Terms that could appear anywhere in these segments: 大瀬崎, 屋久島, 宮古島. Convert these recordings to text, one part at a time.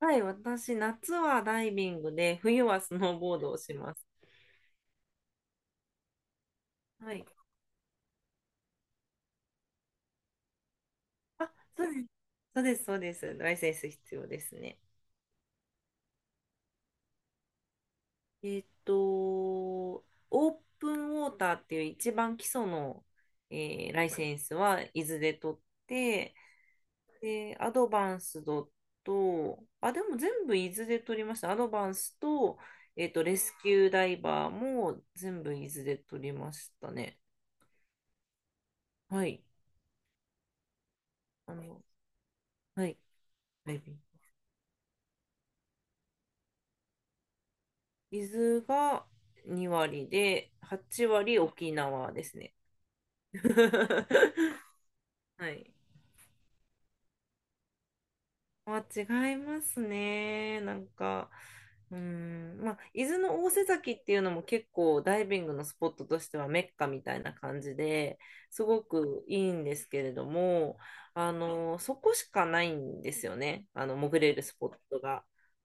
はい、私、夏はダイビングで、冬はスノーボードをします。はい。あ、そうです。そうです、そうです。ライセンス必要ですね。オープンウォーターっていう一番基礎の、えライセンスは伊豆で取って、で、アドバンスドと、あ、でも全部伊豆で取りました。アドバンスと、レスキューダイバーも全部伊豆で取りましたね。はい。あの、はい。ダイビング水が2割で、8割沖縄ですね。はい。あ、違いますね。なんか、うん、まあ、伊豆の大瀬崎っていうのも結構ダイビングのスポットとしてはメッカみたいな感じですごくいいんですけれども、そこしかないんですよね。潜れるスポットが。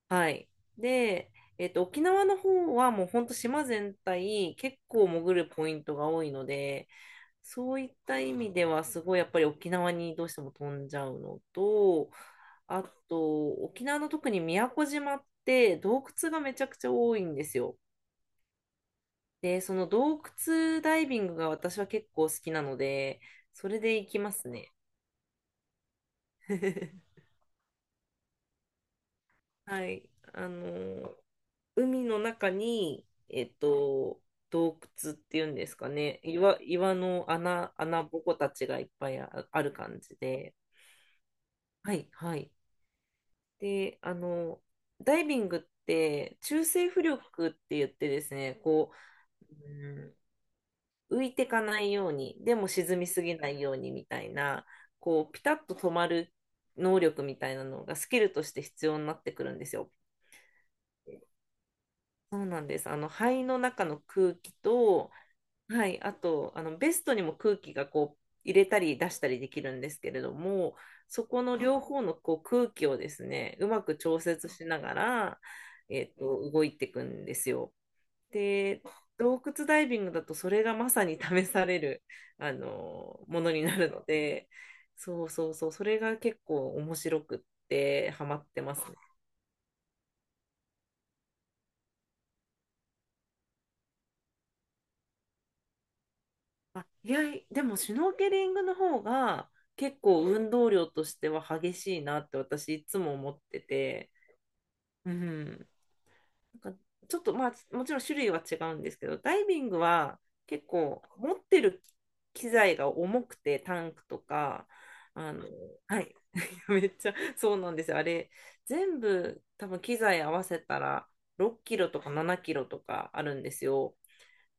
はい。で、沖縄の方はもうほんと島全体結構潜るポイントが多いので、そういった意味では、すごいやっぱり沖縄にどうしても飛んじゃうのと、あと、沖縄の特に宮古島って洞窟がめちゃくちゃ多いんですよ。で、その洞窟ダイビングが私は結構好きなので、それで行きますね。はい。あの、海の中に、洞窟っていうんですかね。岩の穴ぼこたちがいっぱいある感じで。はい、はい。で、ダイビングって中性浮力って言ってですね、こう、うん浮いてかないように、でも沈みすぎないようにみたいな、こう、ピタッと止まる能力みたいなのがスキルとして必要になってくるんですよ。そうなんです。肺の中の空気とはい、あと、ベストにも空気がこう、入れたり出したりできるんですけれども、そこの両方のこう空気をですね、うまく調節しながら、動いていくんですよ。で、洞窟ダイビングだとそれがまさに試される、ものになるので、そうそうそう、それが結構面白くってハマってますね。あ、いや、でもシュノーケリングの方が結構運動量としては激しいなって私いつも思ってて、うん。なんかちょっとまあもちろん種類は違うんですけど、ダイビングは結構持ってる機材が重くてタンクとか、あの、はい。めっちゃそうなんですよ。あれ全部多分機材合わせたら6キロとか7キロとかあるんですよ。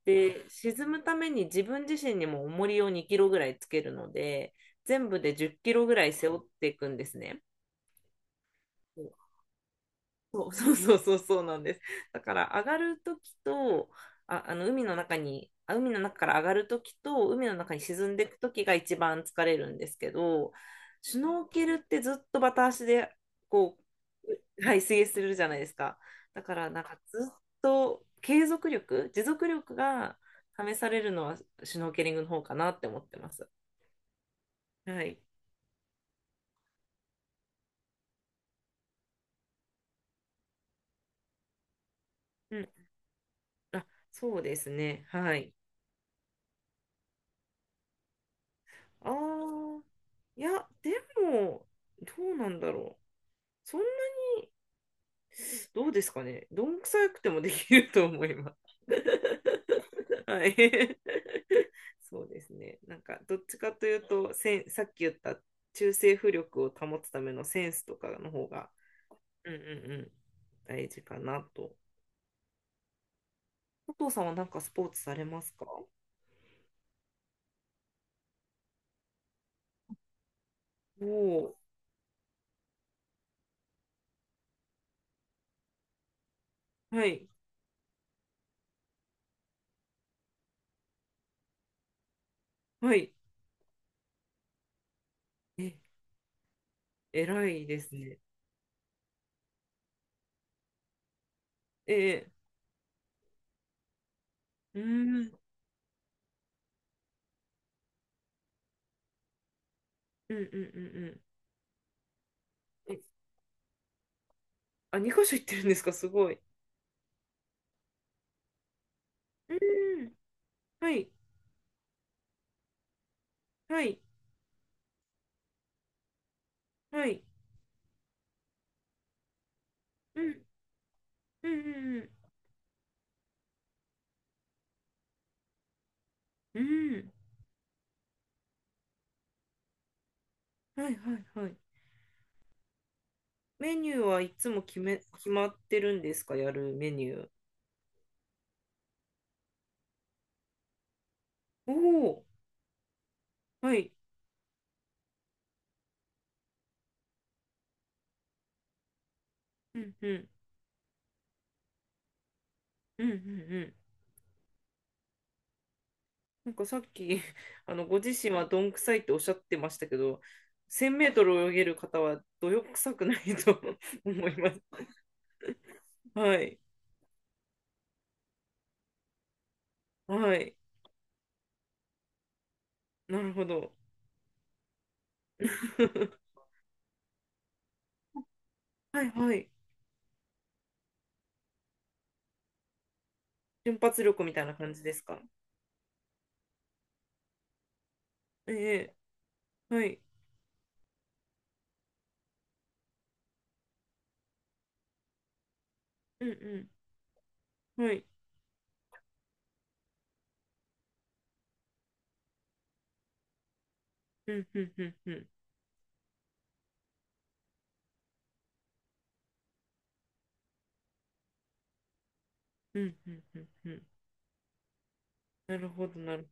で、沈むために自分自身にも重りを2キロぐらいつけるので、全部で10キロぐらい背負っていくんですね。そう そうそうそうそうなんです。だから上がるときと、海の中から上がるときと、海の中に沈んでいくときが一番疲れるんですけど、シュノーケルってずっとバタ足で、こう、はい、水泳するじゃないですか。だからなんかずっと継続力、持続力が試されるのはシュノーケリングの方かなって思ってます。はい。うん。あ、そうですね。はい。ああ、いや、でも、どうなんだろう。そんなどうですかね。どんくさくてもできると思います。はい。そうですね。なんか、どっちかというと、さっき言った中性浮力を保つためのセンスとかの方が、うんうんうん、大事かなと。佐藤さんはなんかスポーツされますか？おおー、はい、はい。え、偉いですね。ええ、うん、うんうんうんうん。えあ、2箇所行ってるんですか？すごい。うん。はい。はい。はい。うん。うん。うん。うんうんはい。はい。はい。メニューはいつも決まってるんですか、やるメニュー。おお。はい。うん。うん。うん。うん。うんなんかさっき、ご自身はどんくさいっておっしゃってましたけど、1000メートル泳げる方はどよくさくないと 思います。はい。はい。なるほど。はいはい。瞬発力みたいな感じですか？ええはい。うんうん。はい。うん、うん、うん、うん。うん、うん、うん、うん。なるほど、なる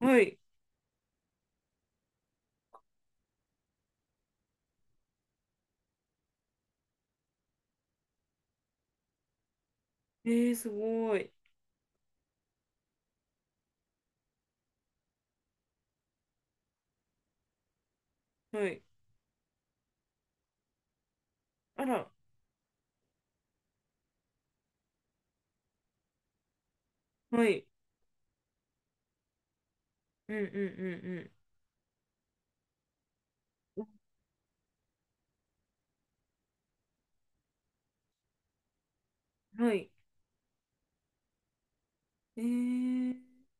ほど。はい。ええすごい。はい。あら、はい。うん、うん、うん、うん。はい。ええ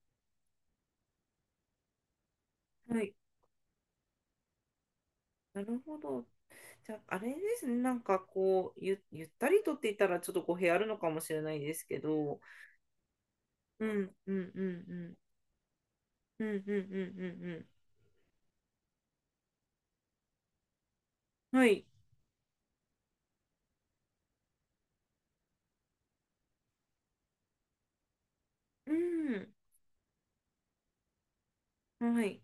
はい。なるほど。じゃあ、あれですね。なんかこう、ゆったりとって言ったら、ちょっと語弊あるのかもしれないですけど、うん、うん、うん、うん。うん、うん、うん、うん、うん。はい。うん。はい。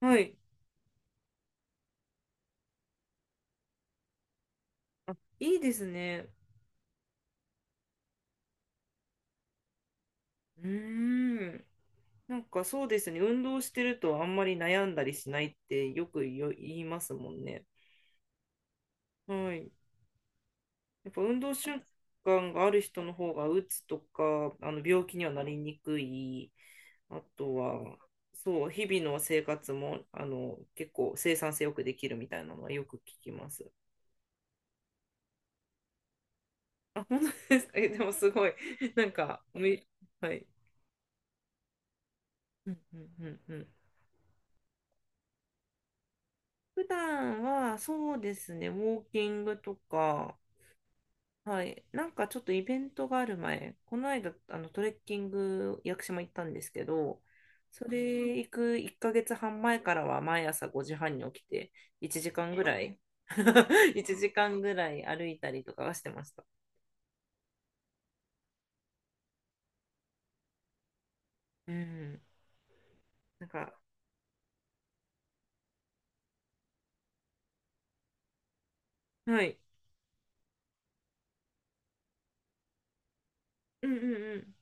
はい。あ、いいですね。うーん。なんかそうですね、運動してるとあんまり悩んだりしないってよく言いますもんね。はい。やっぱ運動習慣がある人の方が、うつとか、病気にはなりにくい、あとは、そう、日々の生活も、結構生産性よくできるみたいなのはよく聞きます。あ、本当ですか。え、でもすごい、なんか、はい。うんうんうんうん。普段は、そうですね、ウォーキングとか、はい。なんかちょっとイベントがある前、この間、トレッキング、屋久島行ったんですけど、それ行く1ヶ月半前からは毎朝5時半に起きて、1時間ぐらい、1時間ぐらい歩いたりとかはしてました。うん。なんか、はい。うんうんうん。